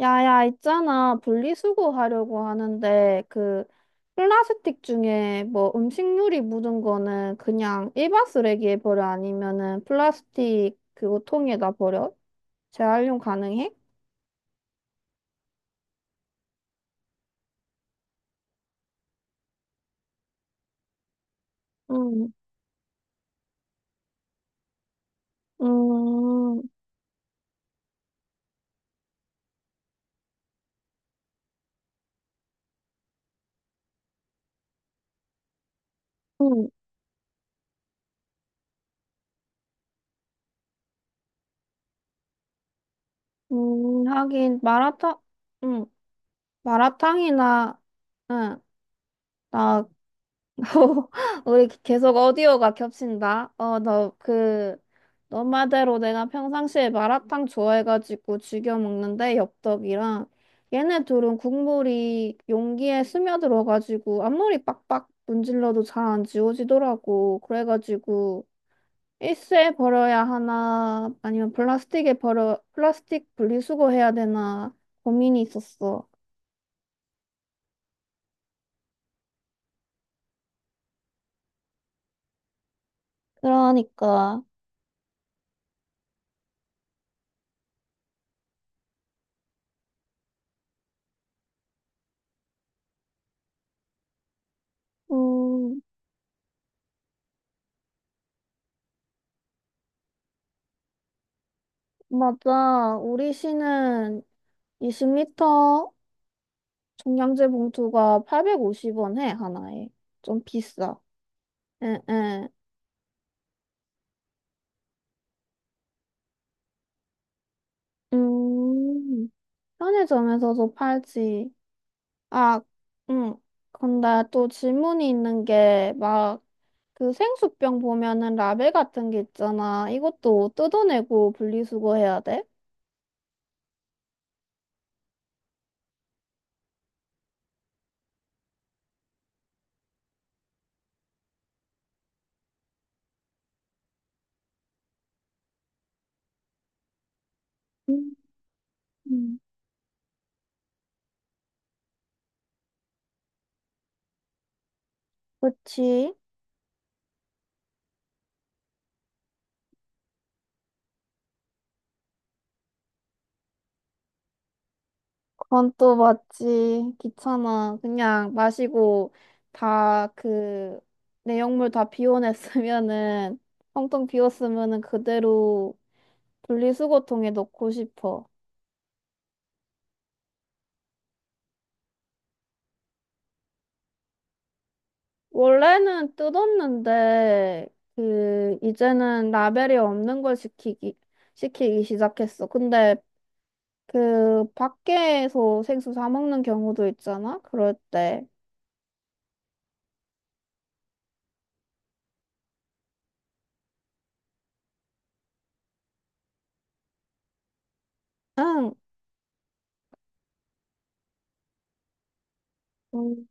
야야, 있잖아. 분리수거 하려고 하는데, 그, 플라스틱 중에 뭐 음식물이 묻은 거는 그냥 일반 쓰레기에 버려? 아니면은 플라스틱 그거 통에다 버려? 재활용 가능해? 음, 음, 음, 하긴, 마라탕, 음, 마라탕이나, 응, 나 우리 계속 오디오가 겹친다. 어, 너 그, 너 말대로 내가 평상시에 마라탕 좋아해가지고 즐겨 먹는데, 엽떡이랑. 얘네 둘은 국물이 용기에 스며들어가지고 앞머리 빡빡 문질러도 잘 안 지워지더라고. 그래가지고 일회에 버려야 하나, 아니면 플라스틱에 버려, 플라스틱 분리수거 해야 되나 고민이 있었어. 그러니까. 음, 맞아. 우리 시는 20리터 종량제 봉투가 850원 해, 하나에. 좀 비싸. 응, 응. 음, 편의점에서도 팔지. 아, 응. 근데 또 질문이 있는 게, 막, 그 생수병 보면은 라벨 같은 게 있잖아. 이것도 뜯어내고 분리수거해야 돼? 음, 음. 그치? 그건 또 맞지. 귀찮아. 그냥 마시고 다 그 내용물 다 비워냈으면은 텅텅 비웠으면은 그대로 분리수거통에 넣고 싶어. 원래는 뜯었는데 그 이제는 라벨이 없는 걸 시키기 시작했어. 근데 그 밖에서 생수 사 먹는 경우도 있잖아. 그럴 때. 응. 음.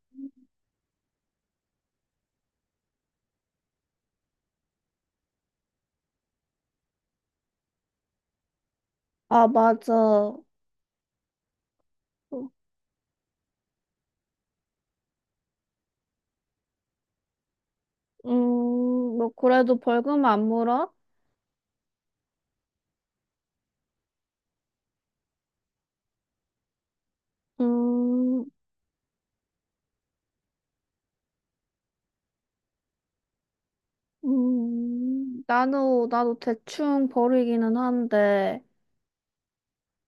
아, 맞아. 음, 뭐, 그래도 벌금 안 물어? 음, 나도 대충 버리기는 한데,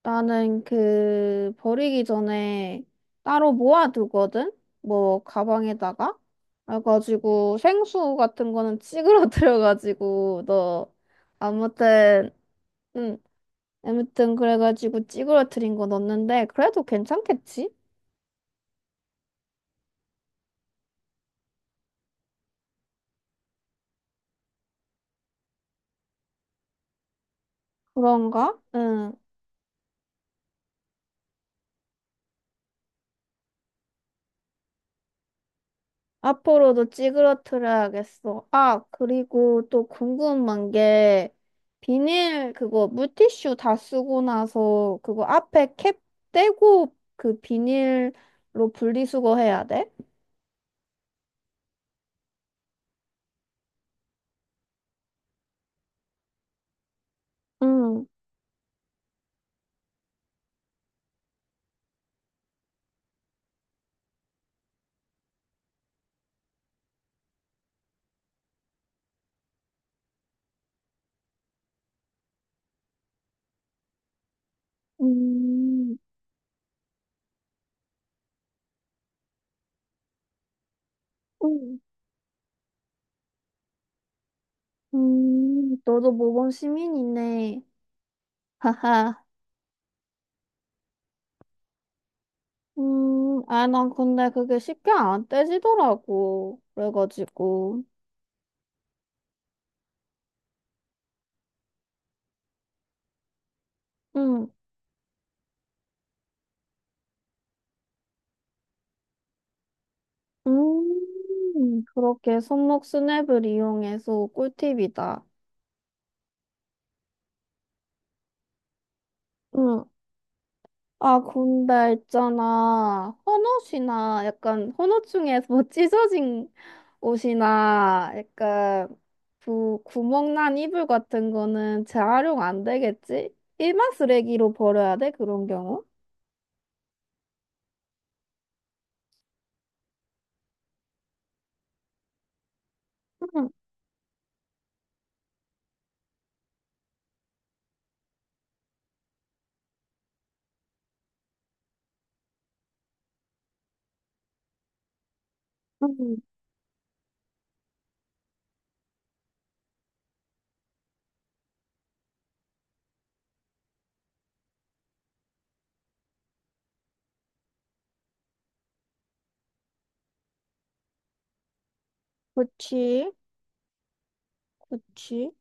나는 그, 버리기 전에 따로 모아두거든? 뭐, 가방에다가? 그래가지고, 생수 같은 거는 찌그러뜨려가지고, 너, 아무튼, 응, 아무튼, 그래가지고 찌그러뜨린 거 넣었는데, 그래도 괜찮겠지? 그런가? 응. 앞으로도 찌그러트려야겠어. 아, 그리고 또 궁금한 게 비닐 그거 물티슈 다 쓰고 나서 그거 앞에 캡 떼고 그 비닐로 분리수거 해야 돼? 응. 음, 음, 너도 모범 시민이네. 하하. 아, 난 근데 그게 쉽게 안 떼지더라고. 그래가지고. 응. 그렇게 손목 스냅을 이용해서 꿀팁이다. 응. 아, 근데 있잖아. 헌옷이나 약간 헌옷 중에서 뭐 찢어진 옷이나 약간 그 구멍난 이불 같은 거는 재활용 안 되겠지? 일반 쓰레기로 버려야 돼, 그런 경우? 응, 응. 그치, 그치.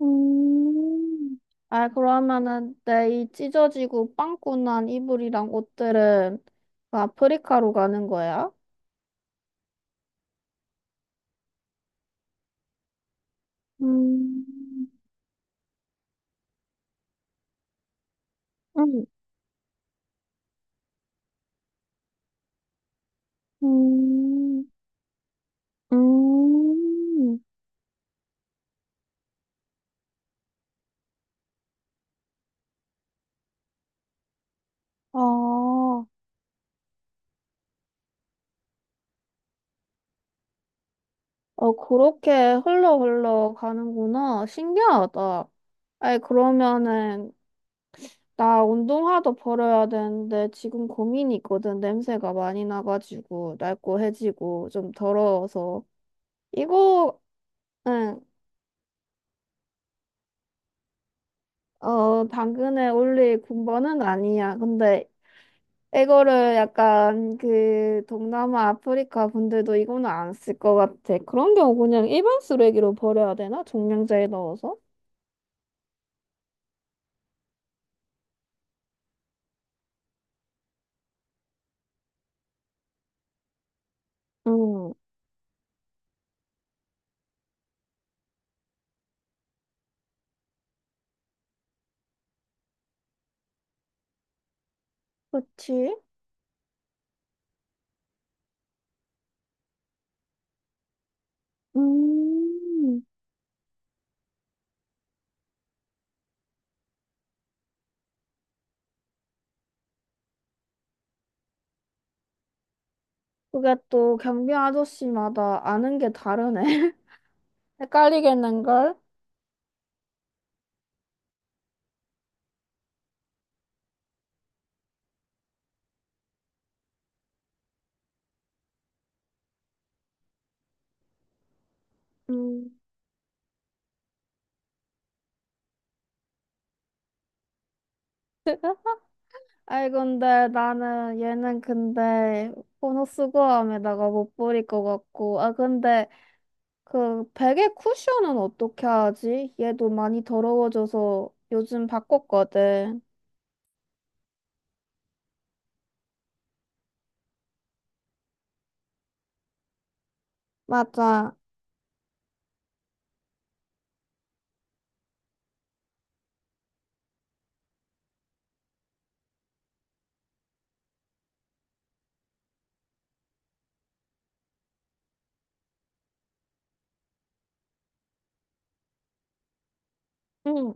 음. 아, 그러면은 내 이 찢어지고 빵꾸난 이불이랑 옷들은 그 아프리카로 가는 거야? 음, 음, 음, 음. 아, 어, 그렇게 흘러 흘러 가는구나. 신기하다. 아니, 그러면은 나 운동화도 버려야 되는데 지금 고민이 있거든. 냄새가 많이 나가지고 낡고 해지고 좀 더러워서. 이거 어, 당근에 올릴 군번은 아니야. 근데 이거를 약간 그 동남아 아프리카 분들도 이거는 안 쓸 것 같아. 그런 경우 그냥 일반 쓰레기로 버려야 되나? 종량제에 넣어서? 응. 그치? 음. 그게 또 경비 아저씨마다 아는 게 다르네. 헷갈리겠는걸? 음. 아이 근데 나는 얘는 근데 보너스 고함에다가 못 버릴 것 같고 아 근데 그 베개 쿠션은 어떻게 하지? 얘도 많이 더러워져서 요즘 바꿨거든. 맞아. 응.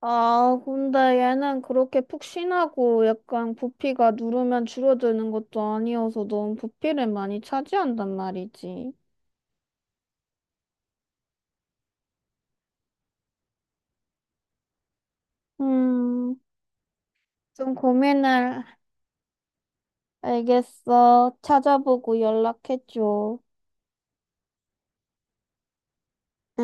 아, 근데 얘는 그렇게 푹신하고 약간 부피가 누르면 줄어드는 것도 아니어서 너무 부피를 많이 차지한단 말이지. 음, 좀 고민을 알겠어. 찾아보고 연락해줘. 응.